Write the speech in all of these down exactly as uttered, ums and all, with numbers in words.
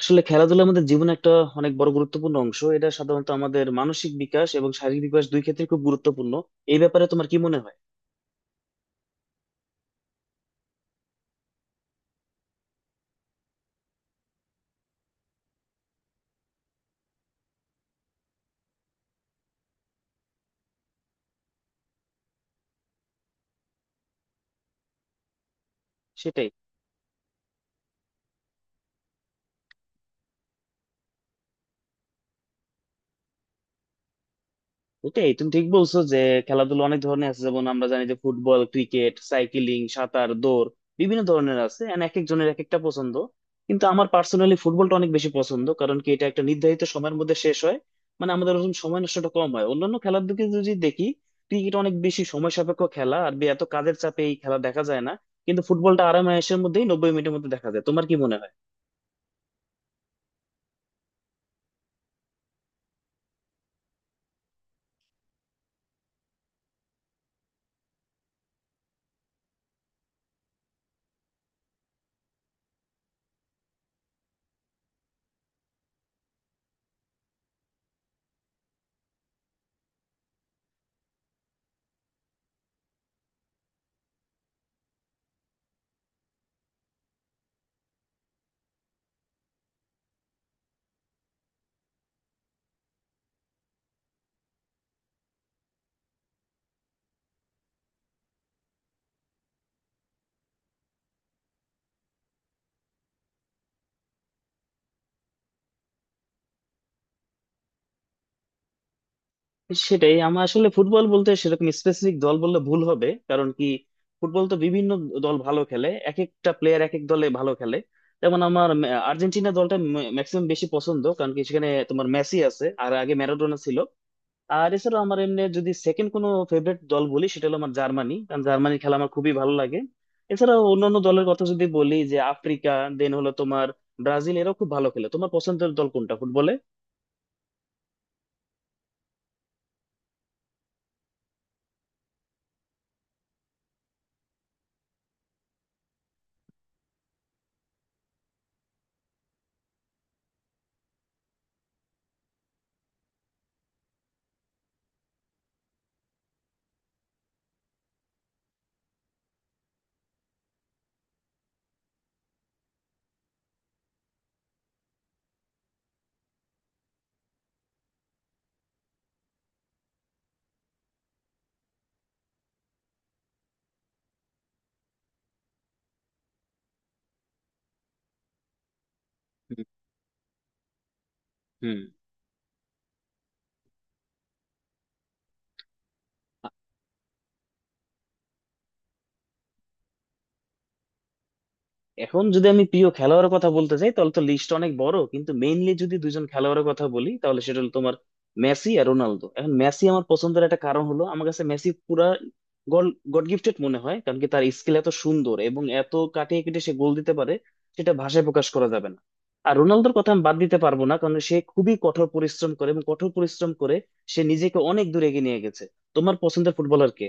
আসলে খেলাধুলার আমাদের জীবনে একটা অনেক বড় গুরুত্বপূর্ণ অংশ। এটা সাধারণত আমাদের মানসিক বিকাশ এবং শারীরিক বিকাশ দুই ক্ষেত্রে খুব গুরুত্বপূর্ণ। এই ব্যাপারে তোমার কি মনে হয়? সেটাই। ওটাই, তুমি ঠিক বলছো যে খেলাধুলা অনেক ধরনের আছে, যেমন আমরা জানি যে ফুটবল, ক্রিকেট, সাইক্লিং, সাঁতার, দৌড়, বিভিন্ন ধরনের আছে। And এক একজনের এক একটা পছন্দ, কিন্তু আমার পার্সোনালি ফুটবলটা অনেক বেশি পছন্দ। কারণ কি, এটা একটা নির্ধারিত সময়ের মধ্যে শেষ হয়। মানে আমাদের ওরকম সময় নষ্টটা কম হয়। অন্যান্য খেলার দিকে যদি দেখি, ক্রিকেট অনেক বেশি সময় সাপেক্ষ খেলা, আর বে- এত কাজের চাপে এই খেলা দেখা যায় না। কিন্তু ফুটবলটা আরামায়েশের মধ্যেই নব্বই মিনিটের মধ্যে দেখা যায়। তোমার কি মনে হয়? সেটাই। আমার আসলে ফুটবল বলতে সেরকম স্পেসিফিক দল বললে ভুল হবে। কারণ কি, ফুটবল তো বিভিন্ন দল ভালো খেলে, এক একটা প্লেয়ার এক এক দলে ভালো খেলে। যেমন আমার মে- আর্জেন্টিনা দলটা ম্যাক্সিমাম বেশি পছন্দ, কারণ কি সেখানে তোমার মেসি আছে, আর আগে ম্যারাডোনা ছিল। আর এছাড়াও আমার এমনি যদি সেকেন্ড কোনো ফেভারিট দল বলি, সেটা হলো আমার জার্মানি, কারণ জার্মানির খেলা আমার খুবই ভালো লাগে। এছাড়াও অন্যান্য দলের কথা যদি বলি, যে আফ্রিকা, দেন হলো তোমার ব্রাজিল, এরাও খুব ভালো খেলে। তোমার পছন্দের দল কোনটা ফুটবলে? হুম। হুম। এখন যদি আমি প্রিয় খেলোয়াড়ের কথা বলতে চাই, তাহলে তো লিস্ট অনেক বড়। কিন্তু মেইনলি যদি দুজন খেলোয়াড়ের কথা বলি, তাহলে সেটা হলো তোমার মেসি আর রোনালদো। এখন মেসি আমার পছন্দের একটা কারণ হলো, আমার কাছে মেসি পুরা গল গড গিফটেড মনে হয়। কারণ কি, তার স্কিল এত সুন্দর এবং এত কাটিয়ে কেটে সে গোল দিতে পারে, সেটা ভাষায় প্রকাশ করা যাবে না। আর রোনালদোর কথা আমি বাদ দিতে পারবো না, কারণ সে খুবই কঠোর পরিশ্রম করে, এবং কঠোর পরিশ্রম করে সে নিজেকে অনেক দূর এগিয়ে নিয়ে গেছে। তোমার পছন্দের ফুটবলার কে?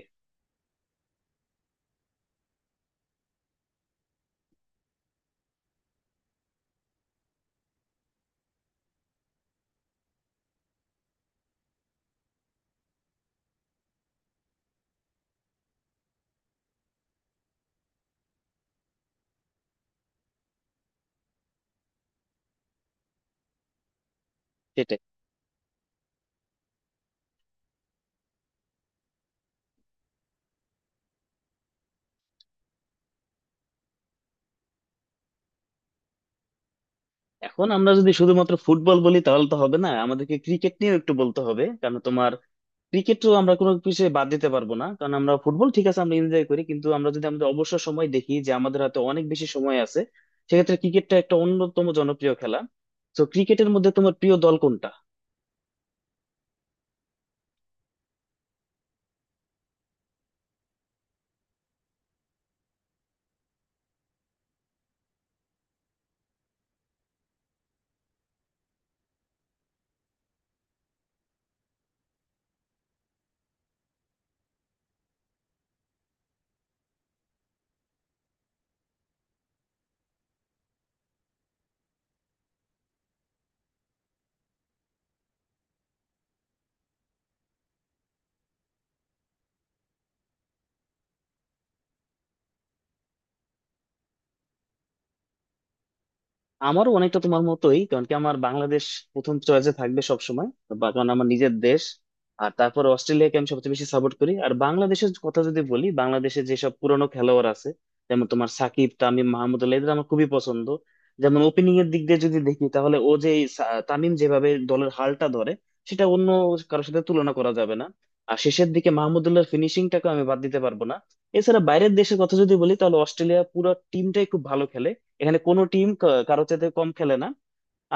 সেটাই। এখন আমরা যদি শুধুমাত্র ফুটবল বলি তাহলে তো হবে না, আমাদেরকে ক্রিকেট নিয়েও একটু বলতে হবে। কারণ তোমার ক্রিকেটও আমরা কোনো কিছু বাদ দিতে পারবো না। কারণ আমরা ফুটবল ঠিক আছে আমরা এনজয় করি, কিন্তু আমরা যদি আমাদের অবসর সময় দেখি যে আমাদের হাতে অনেক বেশি সময় আছে, সেক্ষেত্রে ক্রিকেটটা একটা অন্যতম জনপ্রিয় খেলা। তো ক্রিকেটের মধ্যে তোমার প্রিয় দল কোনটা? আমারও অনেকটা তোমার মতোই। কারণ কি, আমার বাংলাদেশ প্রথম চয়েসে থাকবে সব সময়, বা কারণ আমার নিজের দেশ। আর তারপরে অস্ট্রেলিয়াকে আমি সবচেয়ে বেশি সাপোর্ট করি। আর বাংলাদেশের কথা যদি বলি, বাংলাদেশে যেসব পুরনো খেলোয়াড় আছে যেমন তোমার সাকিব, তামিম, মাহমুদুল্লাহ, এদের আমার খুবই পছন্দ। যেমন ওপেনিং এর দিক দিয়ে যদি দেখি তাহলে ও যে এই সা- তামিম যেভাবে দলের হালটা ধরে, সেটা অন্য কারোর সাথে তুলনা করা যাবে না। আর শেষের দিকে মাহমুদুল্লাহর ফিনিশিংটাকে আমি বাদ দিতে পারবো না। এছাড়া বাইরের দেশের কথা যদি বলি, তাহলে অস্ট্রেলিয়া পুরো টিমটাই খুব ভালো খেলে, এখানে কোনো টিম কারোর চাইতে কম খেলে না।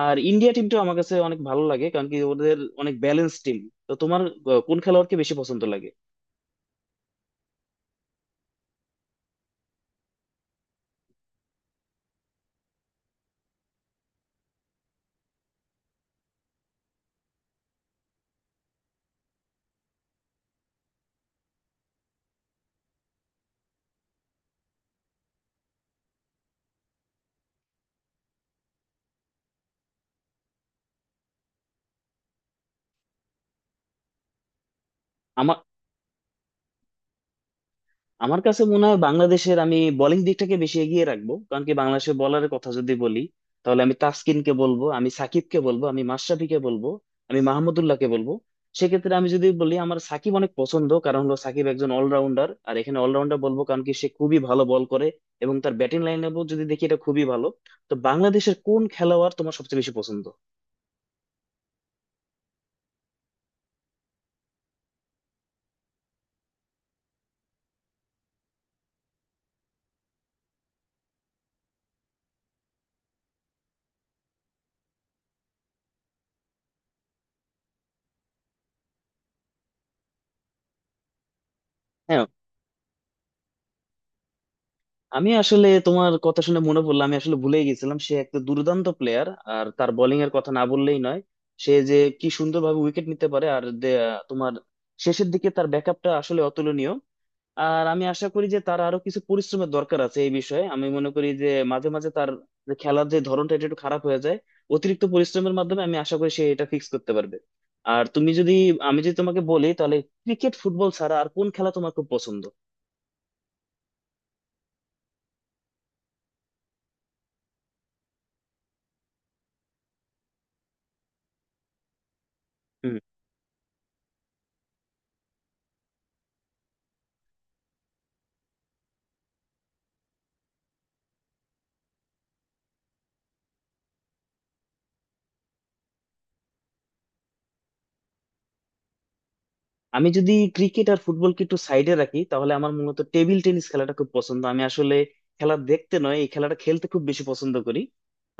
আর ইন্ডিয়া টিমটা আমার কাছে অনেক ভালো লাগে, কারণ কি ওদের অনেক ব্যালেন্স টিম। তো তোমার আহ, কোন খেলোয়াড়কে বেশি পছন্দ লাগে? আমার আমার কাছে মনে হয় বাংলাদেশের আমি বোলিং দিকটাকে বেশি এগিয়ে রাখবো। কারণ কি, বাংলাদেশের বলারের কথা যদি বলি তাহলে আমি তাসকিনকে বলবো, আমি সাকিবকে বলবো, আমি মাশরাফিকে বলবো, আমি মাহমুদুল্লাহকে বলবো। সেক্ষেত্রে আমি যদি বলি আমার সাকিব অনেক পছন্দ, কারণ হলো সাকিব একজন অলরাউন্ডার। আর এখানে অলরাউন্ডার বলবো কারণ কি সে খুবই ভালো বল করে, এবং তার ব্যাটিং লাইন যদি দেখি এটা খুবই ভালো। তো বাংলাদেশের কোন খেলোয়াড় তোমার সবচেয়ে বেশি পছন্দ? হ্যাঁ, আমি আসলে তোমার কথা শুনে মনে পড়লো, আমি আসলে ভুলেই গেছিলাম, সে একটা দুর্দান্ত প্লেয়ার। আর তার বোলিং এর কথা না বললেই নয়। সে যে কি সুন্দরভাবে উইকেট নিতে পারে, আর দে- তোমার শেষের দিকে তার ব্যাকআপটা আসলে অতুলনীয়। আর আমি আশা করি যে তার আরো কিছু পরিশ্রমের দরকার আছে। এই বিষয়ে আমি মনে করি যে মাঝে মাঝে তার যে খেলার যে ধরনটা এটা একটু খারাপ হয়ে যায়। অতিরিক্ত পরিশ্রমের মাধ্যমে আমি আশা করি সে এটা ফিক্স করতে পারবে। আর তুমি যদি আমি যদি তোমাকে বলি তাহলে ক্রিকেট ফুটবল ছাড়া আর কোন খেলা তোমার খুব পছন্দ? আমি যদি ক্রিকেট আর ফুটবলকে একটু সাইডে রাখি, তাহলে আমার মূলত টেবিল টেনিস খেলাটা খুব পছন্দ। আমি আসলে খেলা দেখতে নয়, এই খেলাটা খেলতে খুব বেশি পছন্দ করি।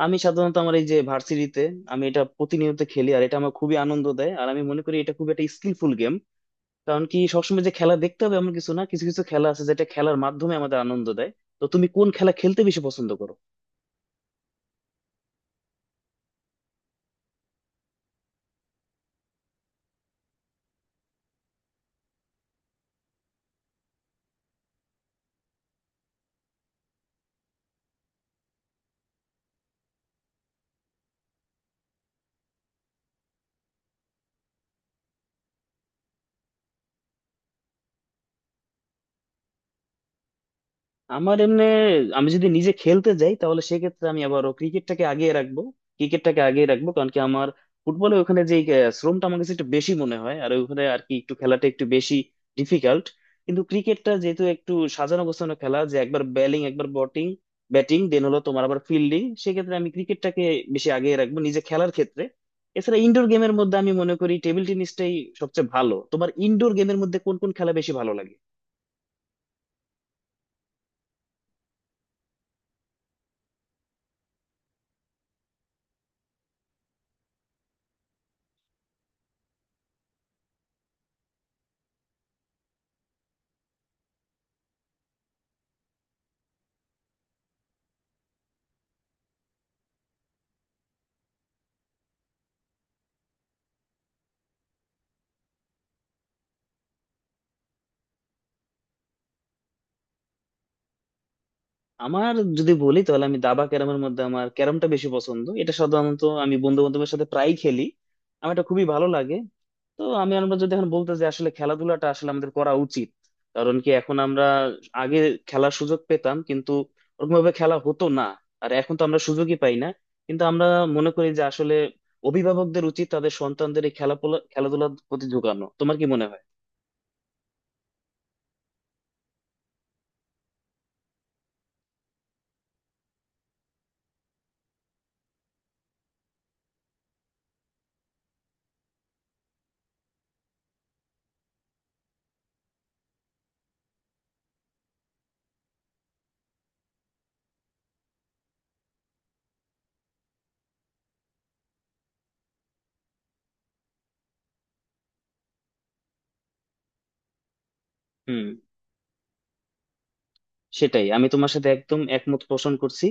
আমি সাধারণত আমার এই যে ভার্সিটিতে আমি এটা প্রতিনিয়ত খেলি, আর এটা আমার খুবই আনন্দ দেয়। আর আমি মনে করি এটা খুব একটা স্কিলফুল গেম। কারণ কি, সবসময় যে খেলা দেখতে হবে এমন কিছু না, কিছু কিছু খেলা আছে যেটা খেলার মাধ্যমে আমাদের আনন্দ দেয়। তো তুমি কোন খেলা খেলতে বেশি পছন্দ করো? আমার এমনি আমি যদি নিজে খেলতে যাই, তাহলে সেক্ষেত্রে আমি আবারও ক্রিকেটটাকে আগিয়ে রাখবো। ক্রিকেটটাকে আগিয়ে রাখবো কারণ কি আমার ফুটবলে ওখানে যে আহ, শ্রমটা আমার কাছে একটু বেশি মনে হয়, আর ওখানে আর কি একটু খেলাটা একটু বেশি ডিফিকাল্ট। কিন্তু ক্রিকেটটা যেহেতু একটু সাজানো গোছানো খেলা, যে একবার ব্যালিং একবার বটিং, ব্যাটিং, দেন হলো তোমার আবার ফিল্ডিং, সেক্ষেত্রে আমি ক্রিকেটটাকে বেশি আগিয়ে রাখবো নিজে খেলার ক্ষেত্রে। এছাড়া ইনডোর গেমের মধ্যে আমি মনে করি টেবিল টেনিসটাই সবচেয়ে ভালো। তোমার ইনডোর গেমের মধ্যে কোন কোন খেলা বেশি ভালো লাগে? আমার যদি বলি, তাহলে আমি দাবা ক্যারামের মধ্যে আমার ক্যারামটা বেশি পছন্দ। এটা সাধারণত আমি বন্ধু বান্ধবের সাথে প্রায় খেলি, আমার এটা খুবই ভালো লাগে। তো আমি আমরা যদি এখন বলতে যে আসলে খেলাধুলাটা আসলে আমাদের করা উচিত। কারণ কি এখন আমরা আগে খেলার সুযোগ পেতাম, কিন্তু ওরকম ভাবে খেলা হতো না। আর এখন তো আমরা সুযোগই পাই না। কিন্তু আমরা মনে করি যে আসলে অভিভাবকদের উচিত তাদের সন্তানদের এই খেলা খেলাধুলার প্রতি ঝুঁকানো। তোমার কি মনে হয়? হুম। সেটাই, আমি তোমার সাথে একদম একমত পোষণ করছি।